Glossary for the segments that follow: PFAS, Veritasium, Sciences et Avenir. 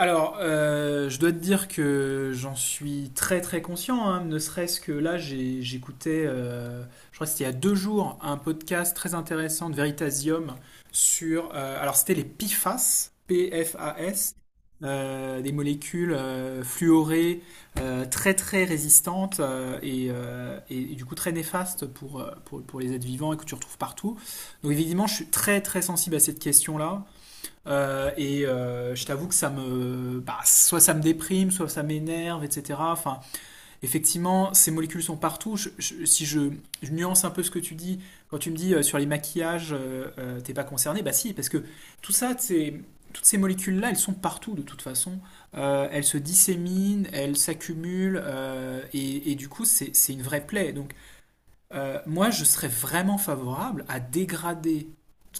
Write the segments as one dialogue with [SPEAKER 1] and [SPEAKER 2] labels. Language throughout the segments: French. [SPEAKER 1] Je dois te dire que j'en suis très très conscient, hein, ne serait-ce que là, j'écoutais, je crois que c'était il y a deux jours, un podcast très intéressant de Veritasium sur, alors c'était les PFAS, P-F-A-S, des molécules fluorées très très résistantes et du coup très néfastes pour, pour les êtres vivants et que tu retrouves partout. Donc évidemment, je suis très très sensible à cette question-là. Je t'avoue que ça me, bah, soit ça me déprime, soit ça m'énerve, etc. Enfin, effectivement, ces molécules sont partout. Si je nuance un peu ce que tu dis, quand tu me dis sur les maquillages, t'es pas concerné, bah si, parce que tout ça, c'est- toutes ces molécules-là, elles sont partout de toute façon. Elles se disséminent, elles s'accumulent, et du coup, c'est une vraie plaie. Moi, je serais vraiment favorable à dégrader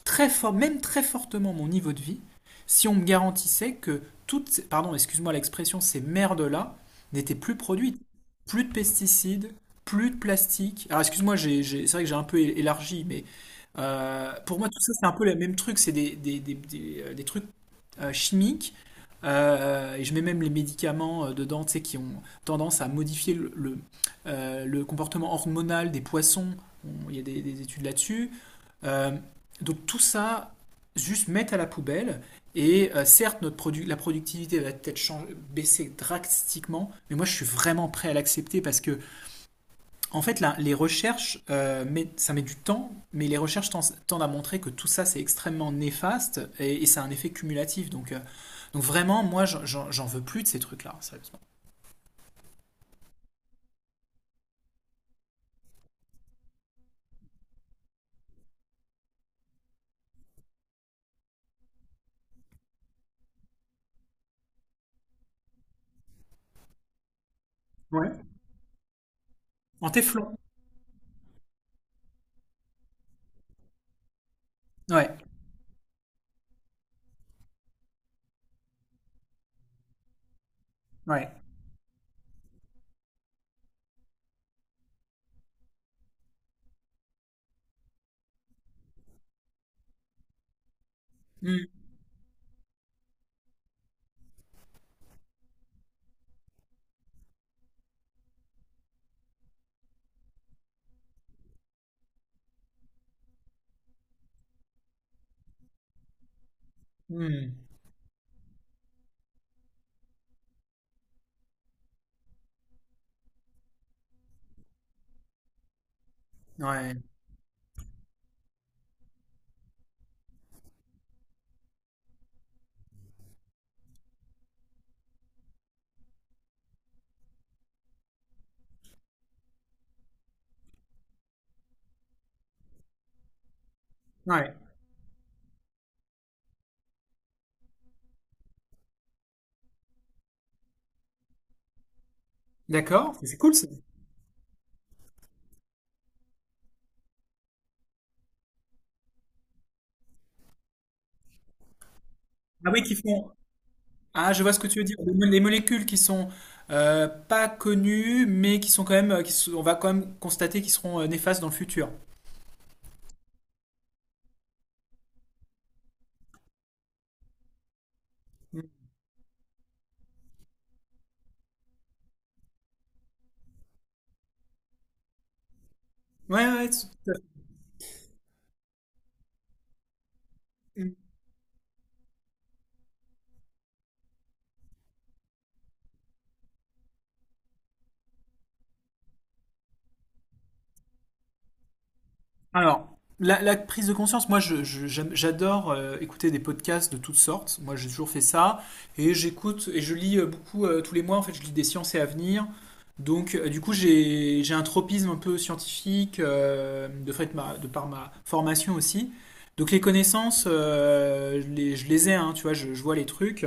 [SPEAKER 1] très fort, même très fortement mon niveau de vie, si on me garantissait que pardon, excuse-moi l'expression, ces merdes-là n'étaient plus produites. Plus de pesticides, plus de plastique. Alors, excuse-moi, c'est vrai que j'ai un peu élargi, mais pour moi, tout ça, c'est un peu le même truc. C'est des trucs chimiques. Et je mets même les médicaments dedans, tu sais, qui ont tendance à modifier le comportement hormonal des poissons. Bon, il y a des études là-dessus. Euh, donc tout ça, juste mettre à la poubelle. Certes, la productivité va peut-être baisser drastiquement, mais moi je suis vraiment prêt à l'accepter parce que en fait, là, les recherches, ça met du temps, mais les recherches tendent à montrer que tout ça, c'est extrêmement néfaste et ça a un effet cumulatif. Donc vraiment, moi, j'en veux plus de ces trucs-là, sérieusement. Ouais. En téflon. Ouais, ouais. Hmm, hmm. Ouais, ouais. D'accord, c'est cool ça. Ah oui, qui font. Ah, je vois ce que tu veux dire. Des molécules qui sont pas connues, mais qui sont quand même, on va quand même constater qu'ils seront néfastes dans le futur. Hmm. Ouais, ouais, tout à fait. Hum. Alors, la prise de conscience, moi j'adore écouter des podcasts de toutes sortes. Moi j'ai toujours fait ça. Et j'écoute et je lis beaucoup tous les mois. En fait, je lis des sciences et avenir. Du coup, j'ai un tropisme un peu scientifique de par ma formation aussi. Donc, les connaissances, je les ai, hein, tu vois, je vois les trucs.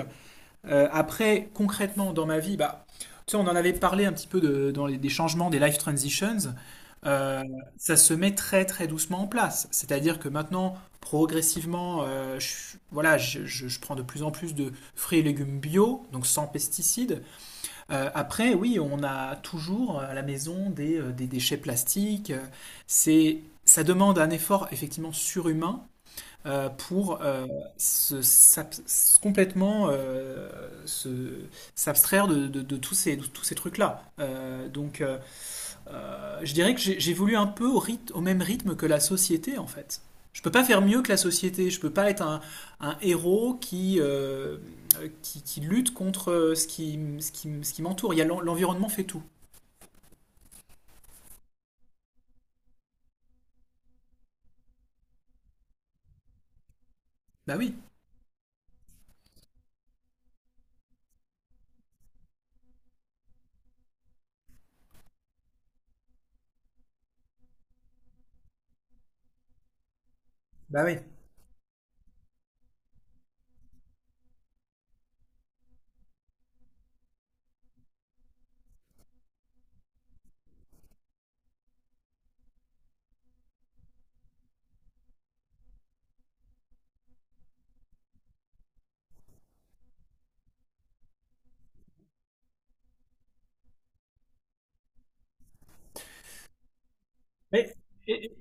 [SPEAKER 1] Après, concrètement, dans ma vie, bah, tu sais, on en avait parlé un petit peu dans des changements, des life transitions. Euh, ça se met très très doucement en place. C'est-à-dire que maintenant, progressivement, voilà, je prends de plus en plus de fruits et légumes bio, donc sans pesticides. Après, oui, on a toujours à la maison des déchets plastiques. C'est, ça demande un effort effectivement surhumain, pour complètement se, s'abstraire de tous de tous ces trucs-là. Je dirais que j'évolue un peu au rythme, au même rythme que la société, en fait. Je peux pas faire mieux que la société. Je peux pas être un héros qui qui lutte contre ce qui m'entoure. Il y a l'environnement fait tout. Bah oui. Bah oui. Mais, et-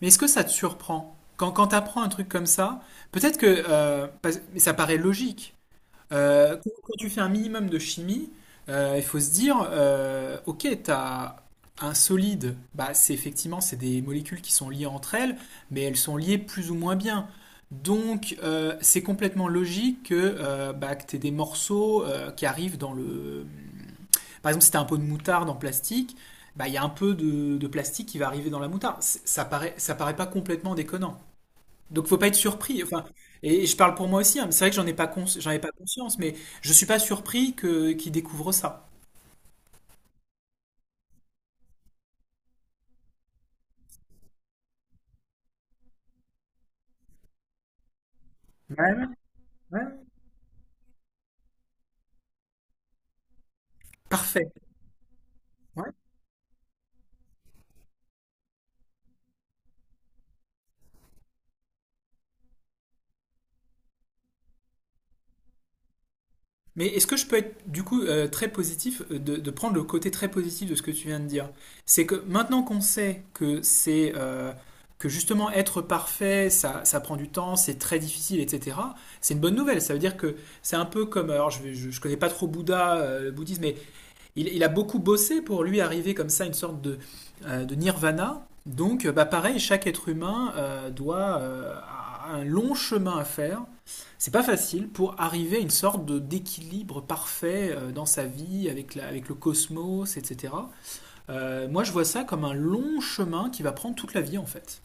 [SPEAKER 1] mais est-ce que ça te surprend? Quand tu apprends un truc comme ça, peut-être que mais ça paraît logique. Quand tu fais un minimum de chimie, il faut se dire, ok, tu as un solide, bah, c'est des molécules qui sont liées entre elles, mais elles sont liées plus ou moins bien. Donc c'est complètement logique que, bah, que tu aies des morceaux qui arrivent dans le... Par exemple, si tu as un pot de moutarde en plastique, bah, il y a un peu de plastique qui va arriver dans la moutarde. Ça paraît pas complètement déconnant. Donc faut pas être surpris. Enfin, et je parle pour moi aussi, hein, mais c'est vrai que j'en ai pas conscience, mais je suis pas surpris que qu'ils découvrent ça. Ouais, ouais, ouais. Parfait. Ouais. Mais est-ce que je peux être du coup très positif, de prendre le côté très positif de ce que tu viens de dire? C'est que maintenant qu'on sait que c'est que justement être parfait, ça prend du temps, c'est très difficile, etc. C'est une bonne nouvelle. Ça veut dire que c'est un peu comme, alors je connais pas trop Bouddha, le bouddhisme, mais il a beaucoup bossé pour lui arriver comme ça à une sorte de nirvana. Bah, pareil, chaque être humain doit a un long chemin à faire. C'est pas facile pour arriver à une sorte de d'équilibre parfait dans sa vie avec avec le cosmos, etc. Moi, je vois ça comme un long chemin qui va prendre toute la vie en fait.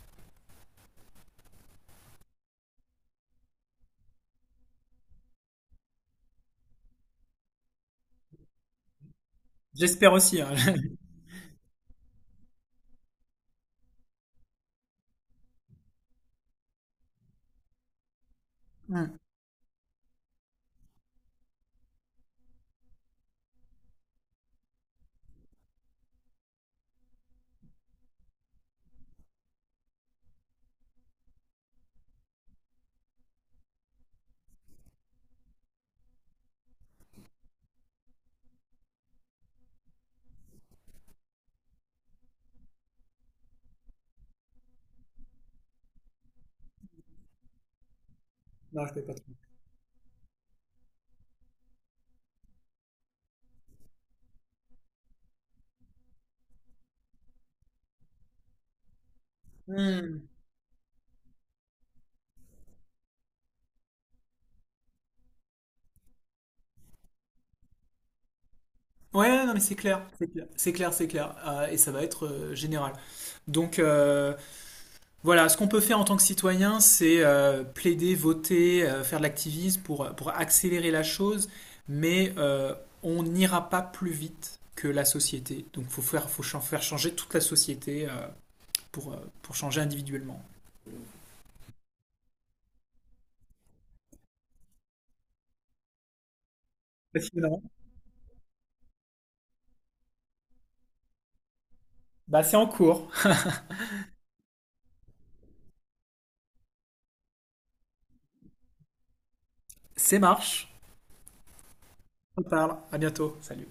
[SPEAKER 1] J'espère aussi, hein. Mm. Mm. Ouais, non mais c'est clair, c'est clair, c'est clair, c'est clair. Et ça va être général. Donc, euh, Voilà, ce qu'on peut faire en tant que citoyen, c'est plaider, voter, faire de l'activisme pour accélérer la chose, mais on n'ira pas plus vite que la société. Donc il faut faut faire changer toute la société pour changer individuellement. Bah, sinon, bah, c'est en cours. C'est marche. On parle. À bientôt. Salut.